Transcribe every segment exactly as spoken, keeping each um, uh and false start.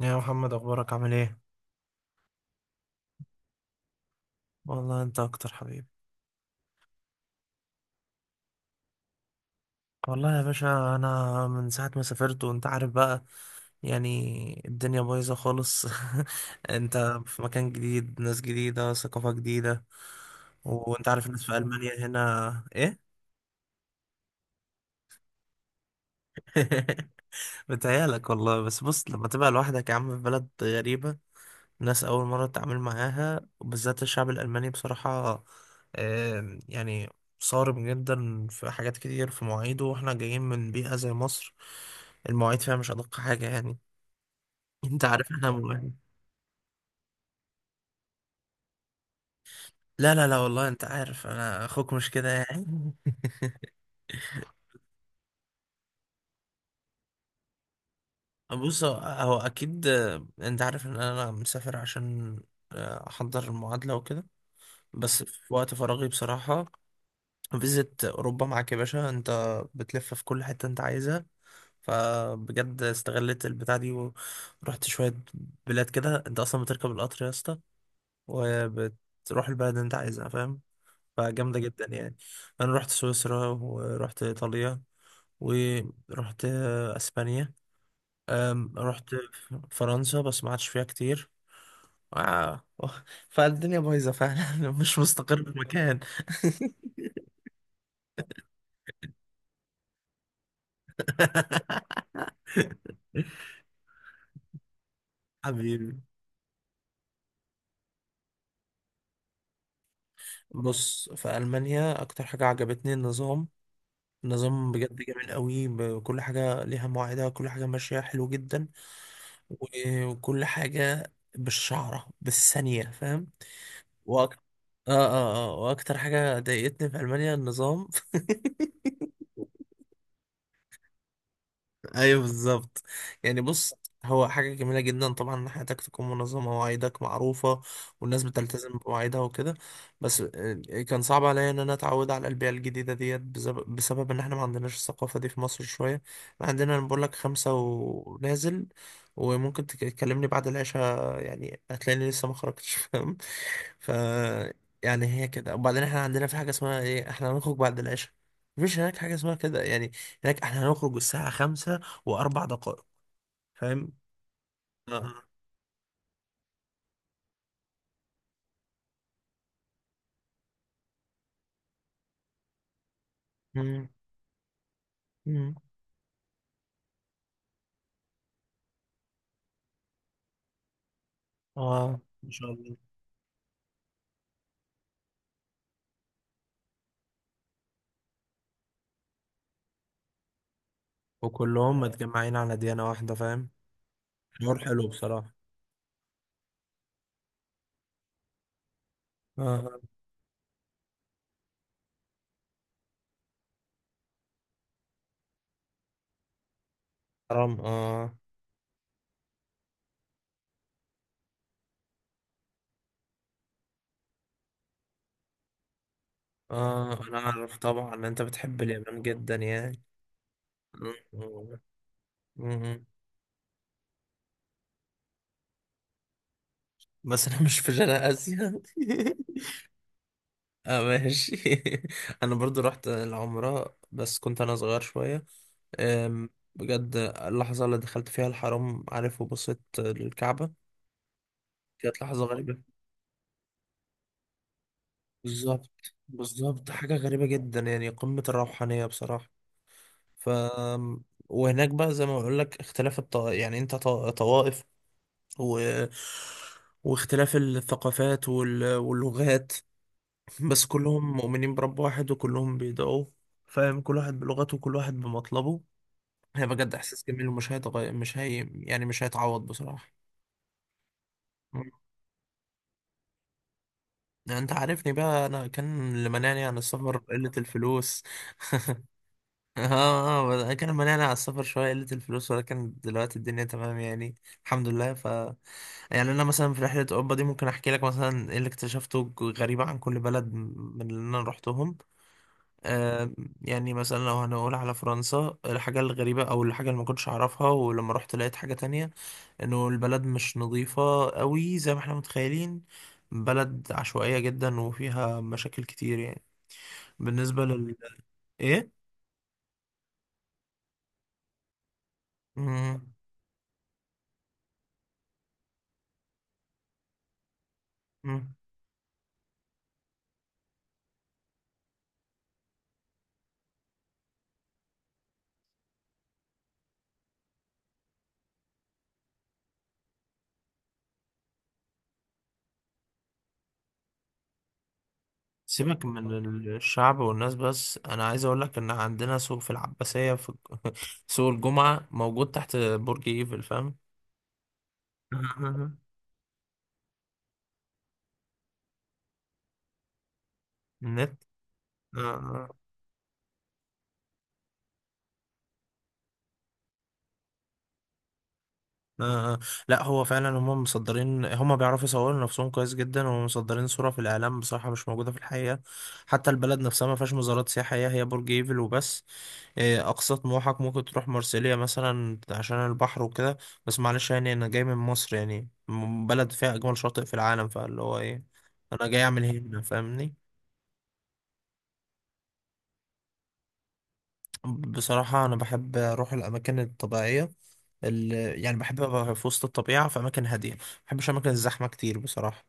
يا محمد، اخبارك عامل ايه؟ والله انت اكتر حبيبي. والله يا باشا، انا من ساعه ما سافرت وانت عارف بقى، يعني الدنيا بايظه خالص. انت في مكان جديد، ناس جديده، ثقافه جديده. وانت عارف الناس في المانيا هنا ايه؟ بتهيألك والله، بس بص لما تبقى لوحدك يا عم في بلد غريبه، ناس أول مرة أتعامل معاها، وبالذات الشعب الألماني بصراحة. آم، يعني صارم جدا في حاجات كتير، في مواعيده، واحنا جايين من بيئة زي مصر، المواعيد فيها مش أدق حاجة يعني. انت عارف احنا م... لا لا لا، والله انت عارف انا اخوك مش كده يعني. بص، هو هو اكيد. آه، انت عارف ان انا مسافر عشان آه، احضر المعادلة وكده، بس في وقت فراغي بصراحة. فيزيت أوروبا معاك يا باشا، أنت بتلف في كل حتة أنت عايزها، فبجد استغلت البتاع دي ورحت شوية بلاد كده. انت اصلا بتركب القطر يا اسطى وبتروح البلد اللي انت عايزها، فاهم؟ فجامدة جدا يعني. انا رحت سويسرا، ورحت ايطاليا، ورحت اسبانيا، أم، رحت فرنسا بس ما عادش فيها كتير. آه. فالدنيا بايظة فعلا مش مستقر في مكان حبيبي. بص، في ألمانيا أكتر حاجة عجبتني النظام. نظام بجد جميل قوي، ب- كل حاجة ليها مواعيدها، كل حاجة ماشية حلو جدا. و- وكل حاجة بالشعرة بالثانية، فاهم؟ وأك- اه اه اه واكتر حاجة ضايقتني في ألمانيا النظام. ايوه بالظبط. يعني بص، هو حاجة جميلة جدا طبعا ان حياتك تكون منظمة ومواعيدك معروفة والناس بتلتزم بمواعيدها وكده. بس آه، كان صعب عليا ان انا اتعود على البيئة الجديدة ديت بسبب, بسبب ان احنا ما عندناش الثقافة دي في مصر شوية. إحنا عندنا، انا بقول لك، خمسة ونازل. وممكن تك- تكلمني بعد العشاء، يعني هتلاقيني لسه ما خرجتش فاهم؟ ف يعني هي كده. وبعدين احنا عندنا في حاجة اسمها ايه احنا هنخرج بعد العشاء؟ مفيش هناك حاجة اسمها كده يعني. هناك احنا هنخرج الساعة خمسة واربع دقائق، فاهم؟ آه. مم. مم. اه، ان شاء الله. وكلهم متجمعين على ديانة واحدة، فاهم؟ حوار حلو بصراحة. اه، حرام، اه. اه، انا اعرف طبعا ان انت بتحب اليابان جدا يعني. مم. مم. بس انا مش في شرق اسيا. اه، ماشي. انا برضو رحت العمرة، بس كنت انا صغير شوية. أم، بجد اللحظة اللي دخلت فيها الحرم، عارف، وبصيت للكعبة، كانت لحظة غريبة. بالظبط، بالظبط، حاجة غريبة جدا يعني، قمة الروحانية بصراحة. ف وهناك بقى زي ما بقول لك اختلاف الط... يعني انت ط... طوائف، و... واختلاف الثقافات وال... واللغات، بس كلهم مؤمنين برب واحد وكلهم بيدعوه، فاهم؟ كل واحد بلغته، وكل واحد بمطلبه. هي بجد احساس جميل ومش هيتغير، مش هي يعني مش هيتعوض بصراحة. يعني انت عارفني بقى، انا كان اللي منعني عن السفر قلة الفلوس. اه، اه، بس كان مليان على السفر شوية قلة الفلوس. ولكن دلوقتي الدنيا تمام يعني، الحمد لله. ف يعني أنا مثلا في رحلة أوروبا دي ممكن أحكي لك مثلا إيه اللي اكتشفته غريبة عن كل بلد من اللي أنا روحتهم. آه يعني مثلا لو هنقول على فرنسا، الحاجة الغريبة أو الحاجة اللي ما كنتش أعرفها ولما رحت لقيت حاجة تانية، إنه البلد مش نظيفة قوي زي ما احنا متخيلين. بلد عشوائية جدا وفيها مشاكل كتير يعني. بالنسبة لل إيه؟ مم. سيبك من الشعب والناس، بس انا عايز اقول لك ان عندنا سوق في العباسية في الج- سوق الجمعة موجود تحت برج ايفل، فاهم؟ النت. آه، آه. لا، هو فعلا هم مصدرين، هم بيعرفوا يصوروا نفسهم كويس جدا، ومصدرين صورة في الإعلام بصراحة مش موجودة في الحقيقة. حتى البلد نفسها ما فيهاش مزارات سياحية، هي برج إيفل وبس. آه، أقصى طموحك ممكن تروح مرسيليا مثلا عشان البحر وكده. بس معلش، يعني أنا جاي من مصر يعني، م- بلد فيها أجمل شاطئ في العالم، فاللي هو إيه؟ أنا جاي أعمل هنا، فاهمني؟ بصراحة أنا بحب أروح الأماكن الطبيعية. ال- يعني بحب أبقى في وسط الطبيعة، في أماكن هادية. ما بحبش أماكن الزحمة كتير بصراحة.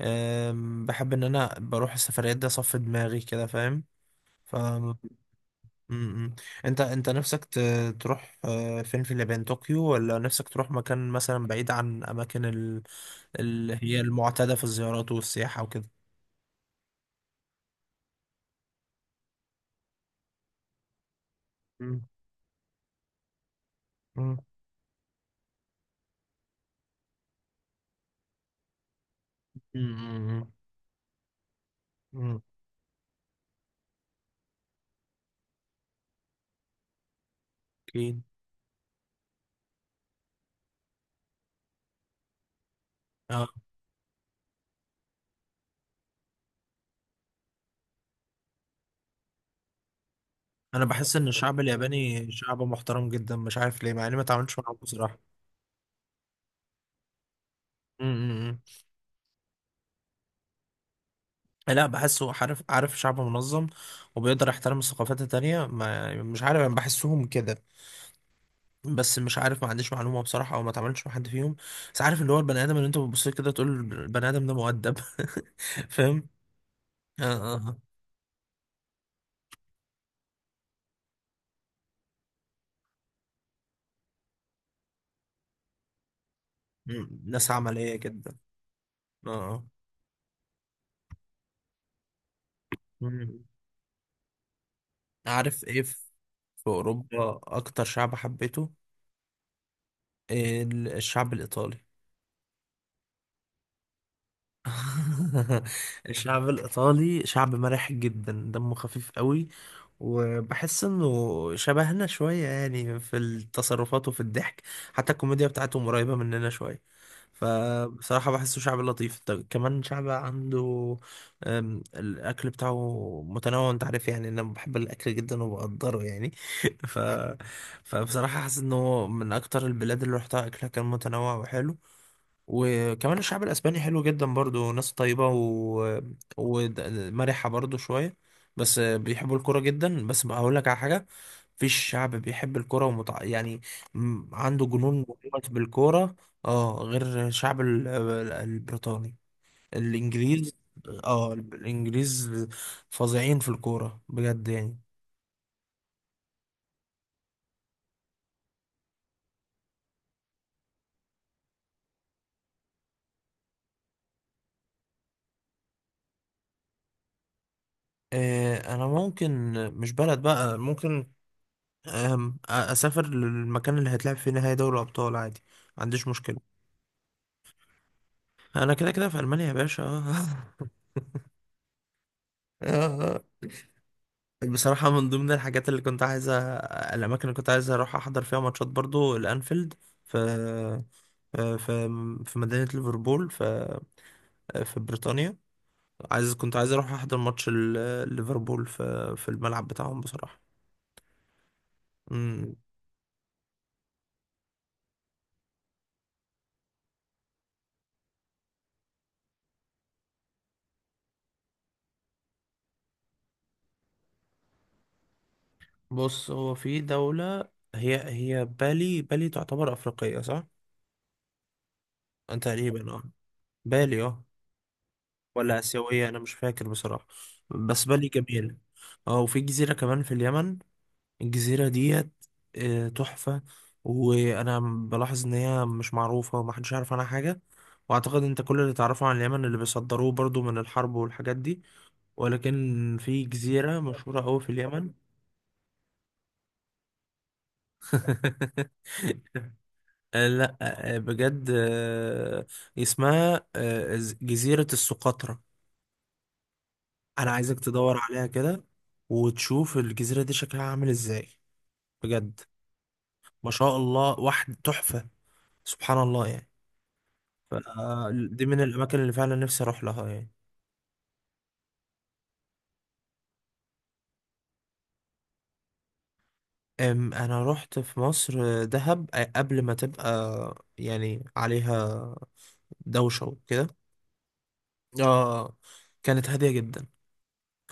أم، بحب ان انا بروح السفريات دي اصفي دماغي كده، فاهم؟ ف م- م. انت، انت نفسك ت- تروح أه، فين؟ في اليابان طوكيو، ولا نفسك تروح مكان مثلا بعيد عن اماكن ال- اللي هي المعتادة في الزيارات والسياحة وكده؟ مم. مم. مم. مم. اكيد. اه، انا بحس ان الشعب الياباني شعب محترم جدا، مش عارف ليه، مع اني ما اتعاملتش معاهم بصراحة. مم. لا، بحسه، عارف، عارف شعب منظم، وبيقدر يحترم الثقافات التانية. ما مش عارف، انا بحسهم كده، بس مش عارف، ما عنديش معلومة بصراحة، او ما اتعاملتش مع حد فيهم. بس عارف اللي هو البني ادم اللي انت بتبص له كده تقول البني ادم ده مؤدب فاهم؟ اه، اه، آه. مم. ناس عملية جدا. اه، آه. مم. عارف ايه؟ في في اوروبا اكتر شعب حبيته ال- الشعب الايطالي. الشعب الإيطالي شعب مرح جدا، دمه خفيف قوي. وبحس إنه شبهنا شوية يعني، في التصرفات وفي الضحك. حتى الكوميديا بتاعتهم قريبة مننا شوية، فبصراحة بحسه شعب لطيف. طب كمان شعب عنده، أم، الأكل بتاعه متنوع. أنت عارف يعني أنا بحب الأكل جدا وبقدره يعني. ف... فبصراحة حاسس إنه من أكتر البلاد اللي روحتها أكلها كان متنوع وحلو. وكمان الشعب الاسباني حلو جدا برضو، ناس طيبة و... ومرحة برضو شوية. بس بيحبوا الكرة جدا. بس بقى هقول لك على حاجة، مفيش شعب بيحب الكرة ومتع... يعني م- عنده جنون وهوس بالكرة، اه، غير الشعب ال- ال- البريطاني، الانجليز. اه، الانجليز فظيعين في الكورة بجد يعني. آه، انا ممكن مش بلد بقى، ممكن آم، أ- اسافر للمكان اللي هيتلعب فيه نهائي دوري الابطال عادي، ما عنديش مشكله. انا كده كده في المانيا يا باشا. آه. آه. بصراحه من ضمن الحاجات اللي كنت عايز أ- الاماكن اللي كنت عايز اروح احضر فيها ماتشات برضو الانفيلد، في في في في مدينه ليفربول، في في بريطانيا. عايز، كنت عايز اروح احضر ماتش ال- ليفربول في في الملعب بتاعهم بصراحه. أمم. بص، هو في دوله، هي هي بالي. بالي تعتبر افريقيه صح؟ تقريبا اه. بالي اه. ولا آسيوية، أنا مش فاكر بصراحة، بس بالي جميل. اه، وفي جزيرة كمان في اليمن. الجزيرة ديت آه، تحفة. وأنا بلاحظ إن هي مش معروفة ومحدش يعرف عنها حاجة، وأعتقد أنت كل اللي تعرفه عن اليمن اللي بيصدروه برضو من الحرب والحاجات دي. ولكن في جزيرة مشهورة أوي في اليمن. آه، لأ، آه، بجد، آه، اسمها آه، جزيرة السقطرة. انا عايزك تدور عليها كده، وتشوف الجزيرة دي شكلها عامل ازاي، بجد. ما شاء الله، واحد تحفة، سبحان الله يعني. ف- دي من الاماكن اللي فعلا نفسي اروح لها يعني. أم، انا رحت في مصر آه، دهب أ- قبل ما تبقى يعني عليها دوشة وكده، اه. كانت هادية جدا،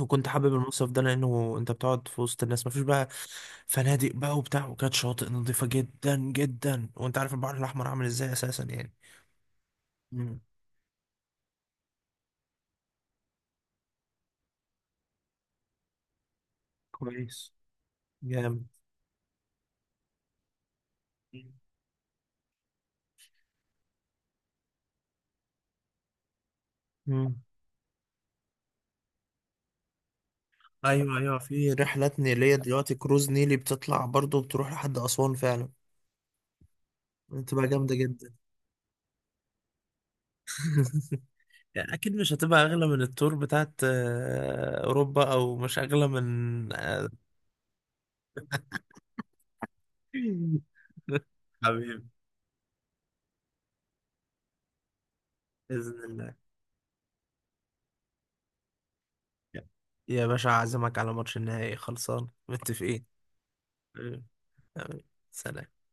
وكنت حابب المصيف ده لانه انت بتقعد في وسط الناس، مفيش بقى فنادق بقى وبتاع، وكانت شواطئ نظيفة جدا جدا، وانت عارف البحر الاحمر عامل ازاي اساسا يعني. مم. كويس، جامد. مم. ايوه، ايوه، في رحلات نيليه دلوقتي، كروز نيلي بتطلع برضه بتروح لحد اسوان فعلا، بتبقى جامده جدا. يعني اكيد مش هتبقى اغلى من التور بتاعت آه، اوروبا، او مش اغلى من آه، حبيبي. باذن الله، يا باشا اعزمك على ماتش النهائي، خلصان، متفقين. حبيبي. حبيبي. سلام.